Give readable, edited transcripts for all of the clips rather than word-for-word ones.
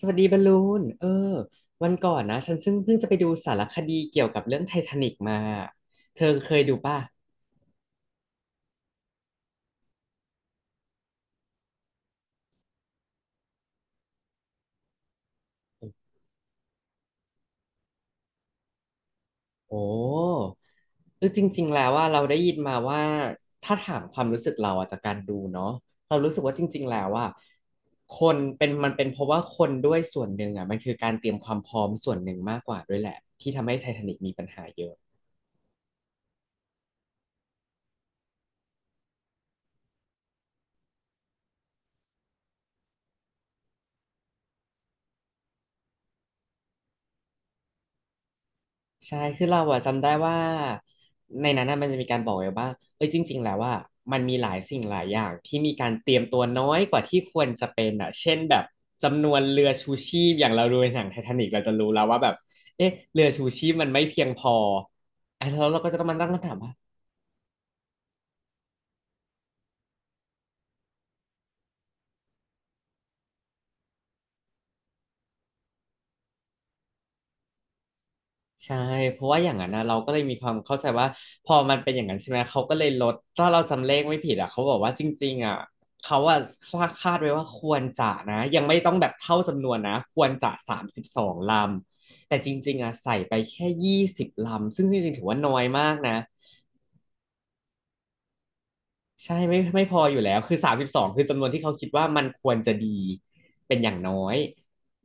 สวัสดีบอลลูนวันก่อนนะฉันซึ่งเพิ่งจะไปดูสารคดีเกี่ยวกับเรื่องไททานิกมาเธอเคยดูป่ะโอ้คือจริงๆแล้วว่าเราได้ยินมาว่าถ้าถามความรู้สึกเราอะจากการดูเนาะเรารู้สึกว่าจริงๆแล้วว่าคนเป็นมันเป็นเพราะว่าคนด้วยส่วนหนึ่งอ่ะมันคือการเตรียมความพร้อมส่วนหนึ่งมากกว่าด้วยแหละที่ทำให้ไททานิกมีปัญหาเยอะ ใช่ คือเราอะจำได้ว่าในนั้นน่ะมันจะมีการบอกไว้ว่าเอ้ยจริงๆแล้วว่ามันมีหลายสิ่งหลายอย่างที่มีการเตรียมตัวน้อยกว่าที่ควรจะเป็นอ่ะเช่นแบบจำนวนเรือชูชีพอย่างเราดูในหนังไททานิกเราจะรู้แล้วว่าแบบเอ๊ะเรือชูชีพมันไม่เพียงพออ่ะแล้วเราก็จะต้องมาตั้งคำถามว่า ใช่เพราะว่าอย่างนั้นนะเราก็เลยมีความเข้าใจว่าพอมันเป็นอย่างนั้นใช่ไหมเขาก็เลยลดถ้าเราจำเลขไม่ผิดอ่ะเขาบอกว่าจริงๆอ่ะเขาอ่ะคาดไว้ว่าควรจะนะยังไม่ต้องแบบเท่าจำนวนนะควรจะสามสิบสองลำแต่จริงๆอ่ะใส่ไปแค่ยี่สิบลำซึ่งจริงๆถือว่าน้อยมากนะ ใช่ไม่พออยู่แล้วคือสามสิบสองคือจำนวนที่เขาคิดว่ามันควรจะดีเป็นอย่างน้อย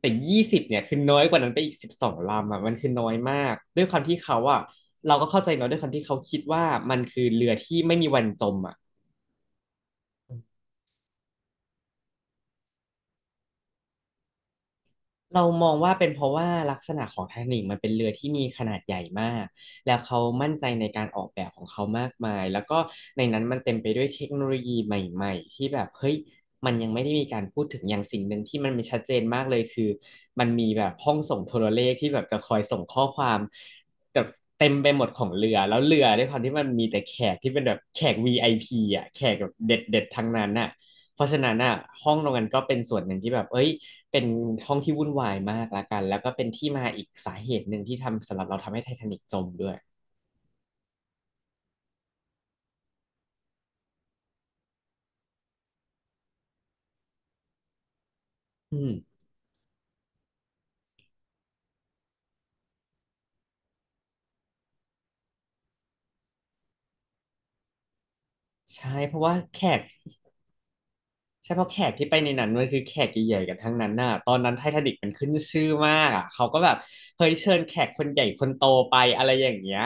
แต่ยี่สิบเนี่ยคือน้อยกว่านั้นไปอีกสิบสองลำอ่ะมันคือน้อยมากด้วยความที่เขาอ่ะเราก็เข้าใจเนาะด้วยความที่เขาคิดว่ามันคือเรือที่ไม่มีวันจมอ่ะ เรามองว่าเป็นเพราะว่าลักษณะของไททานิคมันเป็นเรือที่มีขนาดใหญ่มากแล้วเขามั่นใจในการออกแบบของเขามากมายแล้วก็ในนั้นมันเต็มไปด้วยเทคโนโลยีใหม่ๆที่แบบเฮ้ยมันยังไม่ได้มีการพูดถึงอย่างสิ่งหนึ่งที่มันเป็นชัดเจนมากเลยคือมันมีแบบห้องส่งโทรเลขที่แบบจะคอยส่งข้อความแบบเต็มไปหมดของเรือแล้วเรือด้วยความที่มันมีแต่แขกที่เป็นแบบแขกวีไอพีอ่ะแขกแบบเด็ดๆทั้งนั้นน่ะเพราะฉะนั้นอ่ะห้องตรงนั้นก็เป็นส่วนหนึ่งที่แบบเอ้ย เป็นห้องที่วุ่นวายมากละกันแล้วก็เป็นที่มาอีกสาเหตุหนึ่งที่ทำสำหรับเราทำให้ไททานิกจมด้วยอืมใช่เพราะว่าแขกใช่เพราะแขกที่ไปในนั้นมันคือแขกใหญ่ๆกันทั้งนั้นน่ะตอนนั้นไททานิกมันขึ้นชื่อมากอ่ะเขาก็แบบเฮ้ยเชิญแขกคนใหญ่คนโตไปอะไรอย่างเงี้ย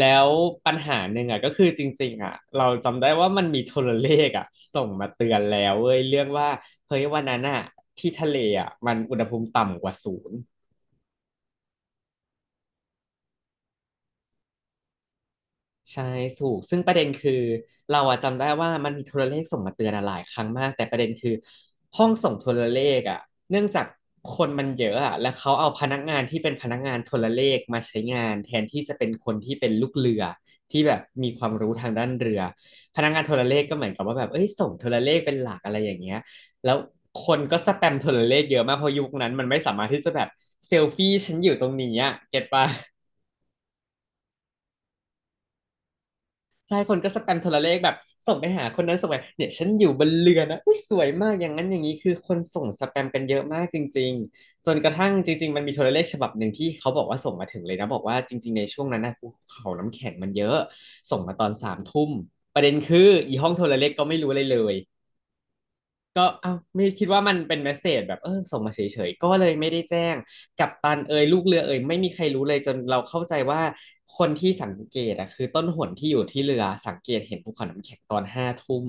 แล้วปัญหาหนึ่งอ่ะก็คือจริงๆอ่ะเราจำได้ว่ามันมีโทรเลขอ่ะส่งมาเตือนแล้วเว้ยเรื่องว่าเฮ้ยวันนั้นอ่ะที่ทะเลอ่ะมันอุณหภูมิต่ำกว่าศูนย์ ใช่ถูกซึ่งประเด็นคือเราอะจำได้ว่ามันมีโทรเลขส่งมาเตือนอะหลายครั้งมากแต่ประเด็นคือห้องส่งโทรเลขอะเนื่องจากคนมันเยอะอะแล้วเขาเอาพนักงานที่เป็นพนักงานโทรเลขมาใช้งานแทนที่จะเป็นคนที่เป็นลูกเรือที่แบบมีความรู้ทางด้านเรือพนักงานโทรเลขก็เหมือนกับว่าแบบเอ้ยส่งโทรเลขเป็นหลักอะไรอย่างเงี้ยแล้วคนก็สแปมโทรเลขเยอะมากเพราะยุคนั้นมันไม่สามารถที่จะแบบเซลฟี่ฉันอยู่ตรงนี้อะเก็ตปะ ใช่คนก็สแปมโทรเลขแบบส่งไปหาคนนั้นส่งไปเนี่ยฉันอยู่บนเรือนะอุ้ยสวยมากอย่างนั้นอย่างนี้คือคนส่งสแปมกันเยอะมากจริงๆจนกระทั่งจริงๆมันมีโทรเลขฉบับหนึ่งที่เขาบอกว่าส่งมาถึงเลยนะบอกว่าจริงๆในช่วงนั้นนะภูเขาน้ำแข็งมันเยอะส่งมาตอนสามทุ่มประเด็นคืออีห้องโทรเลขก็ไม่รู้อะไรเลย ก็เอ้าวไม่คิดว่ามันเป็นเมสเสจแบบเออส่งมาเฉยๆก็เลยไม่ได้แจ้งกัปตันเอยลูกเรือเอยไม่มีใครรู้เลยจนเราเข้าใจว่าคนที่สังเกตอะคือต้นหนที่อยู่ที่เรือสังเกตเห็นภูเขาน้ำแข็งตอนห้าทุ่ม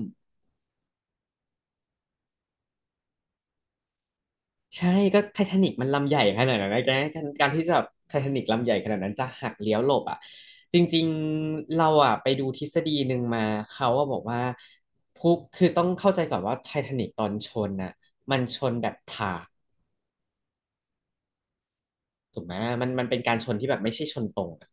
ใช่ก็ไททานิกมันลำใหญ่ขนาดนั้นนะแกการที่จะไททานิกลำใหญ่ขนาดนั้นจะหักเลี้ยวหลบอ่ะจริงๆเราอ่ะไปดูทฤษฎีหนึ่งมาเขาอ่ะบอกว่าพุคือต้องเข้าใจก่อนว่าไททานิกตอนชนน่ะมันชนแบบถา ถูกไหมมันมันเป็นการชนที่แบบไม่ใช่ชนตรงอะ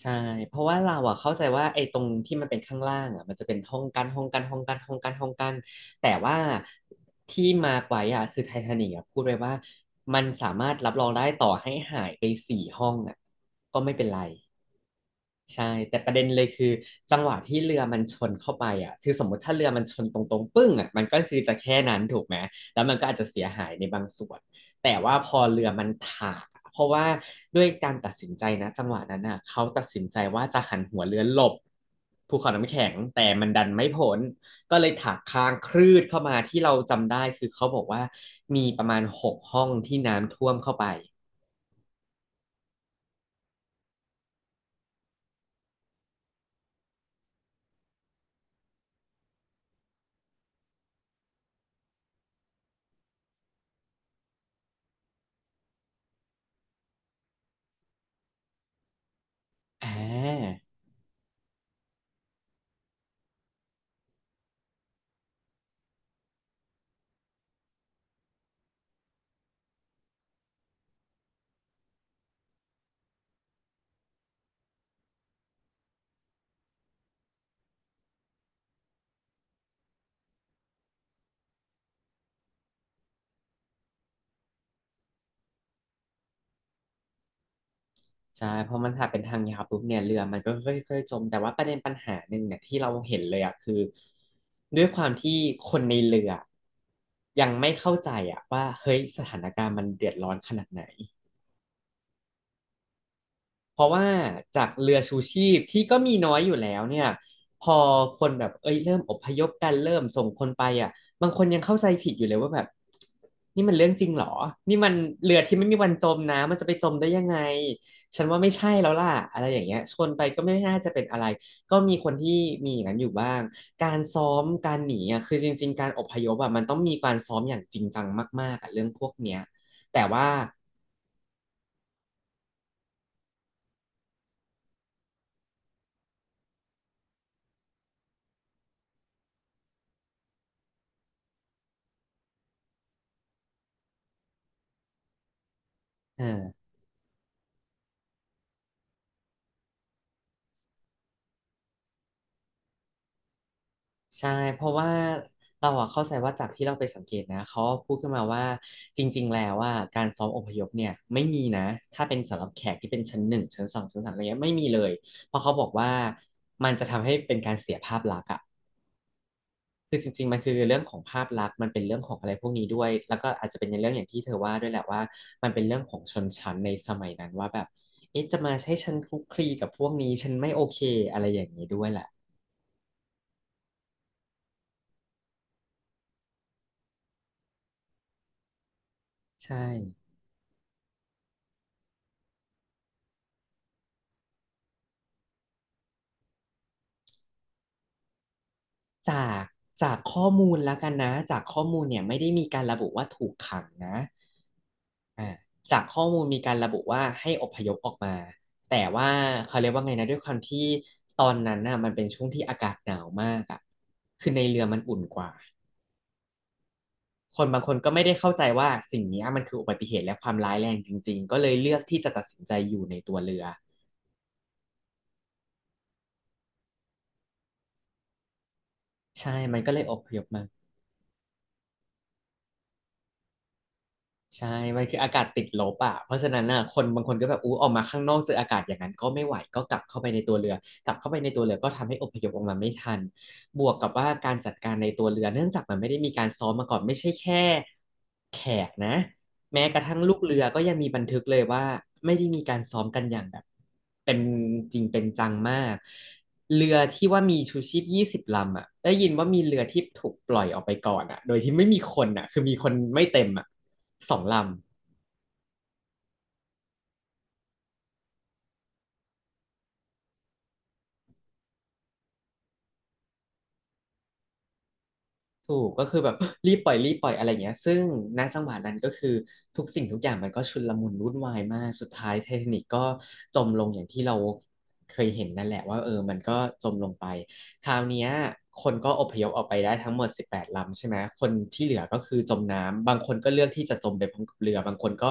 ใช่เพราะว่าเราอะเข้าใจว่าไอ้ตรงที่มันเป็นข้างล่างอะมันจะเป็นห้องกั้นห้องกั้นห้องกั้นห้องกั้นห้องกั้นแต่ว่าที่มาร์คไว้อะคือไททานิกอะพูดไว้ว่ามันสามารถรับรองได้ต่อให้หายไปสี่ห้องอะก็ไม่เป็นไร ใช่แต่ประเด็นเลยคือจังหวะที่เรือมันชนเข้าไปอ่ะคือสมมติถ้าเรือมันชนตรงๆปึ้งอ่ะมันก็คือจะแค่นั้นถูกไหมแล้วมันก็อาจจะเสียหายในบางส่วนแต่ว่าพอเรือมันถากอะเพราะว่าด้วยการตัดสินใจนะจังหวะนั้นอ่ะเขาตัดสินใจว่าจะหันหัวเรือหลบภูเขาน้ำแข็งแต่มันดันไม่พ้นก็เลยถากค้างคลืดเข้ามาที่เราจำได้คือเขาบอกว่ามีประมาณหกห้องที่น้ำท่วมเข้าไปอ่า ใช่เพราะมันถ้าเป็นทางยาวปุ๊บเนี่ยเรือมันก็ค่อยๆจมแต่ว่าประเด็นปัญหาหนึ่งเนี่ยที่เราเห็นเลยอ่ะคือด้วยความที่คนในเรือยังไม่เข้าใจอ่ะว่าเฮ้ยสถานการณ์มันเดือดร้อนขนาดไหน เพราะว่าจากเรือชูชีพที่ก็มีน้อยอยู่แล้วเนี่ยพอคนแบบเอ้ยเริ่มอพยพกันเริ่มส่งคนไปอ่ะบางคนยังเข้าใจผิดอยู่เลยว่าแบบนี่มันเรื่องจริงเหรอนี่มันเรือที่ไม่มีวันจมนะมันจะไปจมได้ยังไงฉันว่าไม่ใช่แล้วล่ะอะไรอย่างเงี้ยชนไปก็ไม่น่าจะเป็นอะไรก็มีคนที่มีอย่างนั้นอยู่บ้างการซ้อมการหนีอ่ะคือจริงๆการอพยพอ่ะมันต้องมีการซ้อมอย่างจริงจังมากๆอ่ะเรื่องพวกเนี้ยแต่ว่าเออ ใช่เพราะว่าเราอะเข้าใจว่าจากที่เราไปสังเกตนะเขาพูดขึ้นมาว่าจริงๆแล้วว่าการซ้อมอพยพเนี่ยไม่มีนะถ้าเป็นสำหรับแขกที่เป็นชั้นหนึ่งชั้นสองชั้นสามอะไรเงี้ยไม่มีเลยเพราะเขาบอกว่ามันจะทำให้เป็นการเสียภาพลักษณ์อะคือจริงๆมันคือเรื่องของภาพลักษณ์มันเป็นเรื่องของอะไรพวกนี้ด้วยแล้วก็อาจจะเป็นในเรื่องอย่างที่เธอว่าด้วยแหละว่ามันเป็นเรื่องของชนชั้นในสมัยนั้นว่าแบบเอ๊ะจะมาใช้ฉันคลุกคลีกับพวกนี้ฉันไม่โอเคอะไรอย่างนี้ด้วยแหละใช่ จากจากข้อมูลแล้วกันนะจากข้อมูลเนี่ยไม่ได้มีการระบุว่าถูกขังนะอ่าจากข้อมูลมีการระบุว่าให้อพยพออกมาแต่ว่าเขาเรียกว่าไงนะด้วยความที่ตอนนั้นน่ะมันเป็นช่วงที่อากาศหนาวมากอ่ะคือในเรือมันอุ่นกว่าคนบางคนก็ไม่ได้เข้าใจว่าสิ่งเนี้ยมันคืออุบัติเหตุและความร้ายแรงจริงๆก็เลยเลือกที่จะตัดสินใจอยู่ในตัวเรือใช่มันก็เลยอพยพมา ใช่มันคืออากาศติดลบอ่ะเพราะฉะนั้นน่ะคนบางคนก็แบบอู้ออกมาข้างนอกเจออากาศอย่างนั้นก็ไม่ไหวก็กลับเข้าไปในตัวเรือกลับเข้าไปในตัวเรือก็ทำให้อพยพออกมาไม่ทันบวกกับว่าการจัดการในตัวเรือเนื่องจากมันไม่ได้มีการซ้อมมาก่อนไม่ใช่แค่แขกนะแม้กระทั่งลูกเรือก็ยังมีบันทึกเลยว่าไม่ได้มีการซ้อมกันอย่างแบบเป็นจริงเป็นจังมากเรือที่ว่ามีชูชีพยี่สิบลำอ่ะได้ยินว่ามีเรือที่ถูกปล่อยออกไปก่อนอ่ะโดยที่ไม่มีคนอ่ะคือมีคนไม่เต็มอ่ะ สองลำถูกก็คือแบบ รีบปล่อยอะไรเงี้ยซึ่งณจังหวะนั้นก็คือทุกสิ่งทุกอย่างมันก็ชุลมุนวุ่นวายมากสุดท้ายไททานิกก็จมลงอย่างที่เราเคยเห็นนั่นแหละว่าเออมันก็จมลงไปคราวเนี้ยคนก็อพยพออกไปได้ทั้งหมด18ลำใช่ไหมคนที่เหลือก็คือจมน้ำบางคนก็เลือกที่จะจมไปพร้อมกับเรือบางคนก็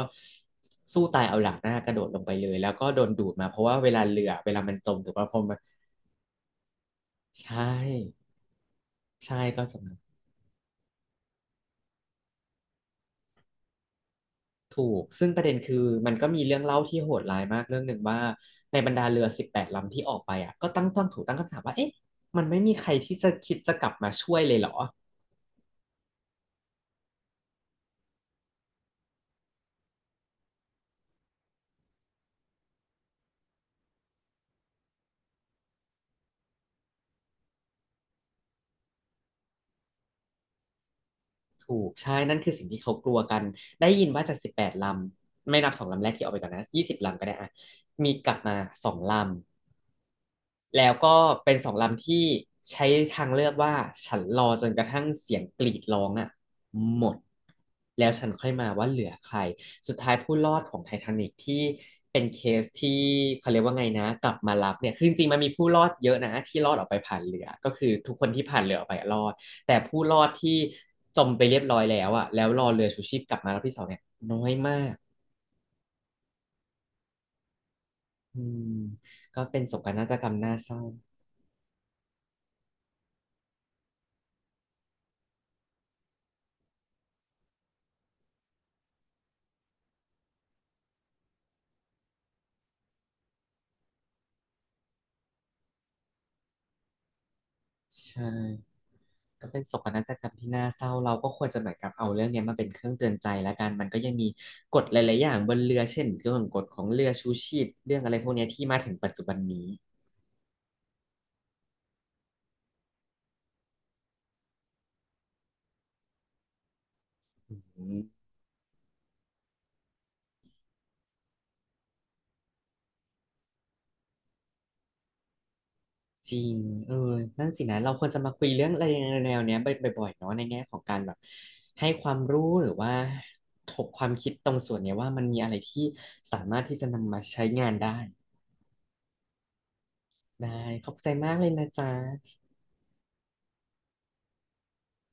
สู้ตายเอาหลังหน้ากระโดดลงไปเลยแล้วก็โดนดูดมาเพราะว่าเวลามันจมถูกป่ะพอมันใช่ใช่ก็จม ถูกซึ่งประเด็นคือมันก็มีเรื่องเล่าที่โหดร้ายมากเรื่องหนึ่งว่าในบรรดาเรือสิบแปดลำที่ออกไปอ่ะก็ตั้งต้องถูกตั้งคำถามว่าเอ๊ะมันไม่มีใครที่จะคิดจะกลับมาช่วยเลยเหรอถูกใช่นั่นคือสิ่งที่เขากลัวกันได้ยินว่าจากสิบแปดลำไม่นับสองลำแรกที่ออกไปก่อนนะยี่สิบลำก็ได้อ่ะมีกลับมาสองลำ แล้วก็เป็นสองลำที่ใช้ทางเลือกว่าฉันรอจนกระทั่งเสียงกรีดร้องอ่ะหมดแล้วฉันค่อยมาว่าเหลือใครสุดท้ายผู้รอดของไททานิกที่เป็นเคสที่เขาเรียกว่าไงนะกลับมารับเนี่ยคือจริงๆมันมีผู้รอดเยอะนะที่รอดออกไปผ่านเรือก็คือทุกคนที่ผ่านเรือออกไปอะรอดแต่ผู้รอดที่จมไปเรียบร้อยแล้วอ่ะแล้วรอเรือชูชีพกลับมารอบที่สองเนี่ยน้อยมากอืมก็เป็นโศกนาฏกรรมน่าเศร้าใช่ ก็เป็นโศกนาฏกรรมที่น่าเศร้าเราก็ควรจะเหมือนกับเอาเรื่องเนี้ยมาเป็นเครื่องเตือนใจแล้วกันมันก็ยังมีกฎหลายๆอย่างบนเรือเช่นเรื่องกฎของเรือชูชีพเรื่องอะไรพวกเนี้ยที่มาถึงปัจจุบันนี้อืมจริงเออนั่นสินะเราควรจะมาคุยเรื่องอะไรแนวๆเนี้ยบ่อยๆเนาะในแง่ของการแบบให้ความรู้หรือว่าถกความคิดตรงส่วนเนี้ยว่ามันมีอะไรที่สามารถที่จะนำมาใช้งานได้ได้ขอบใจมากเลยนะจ๊ะ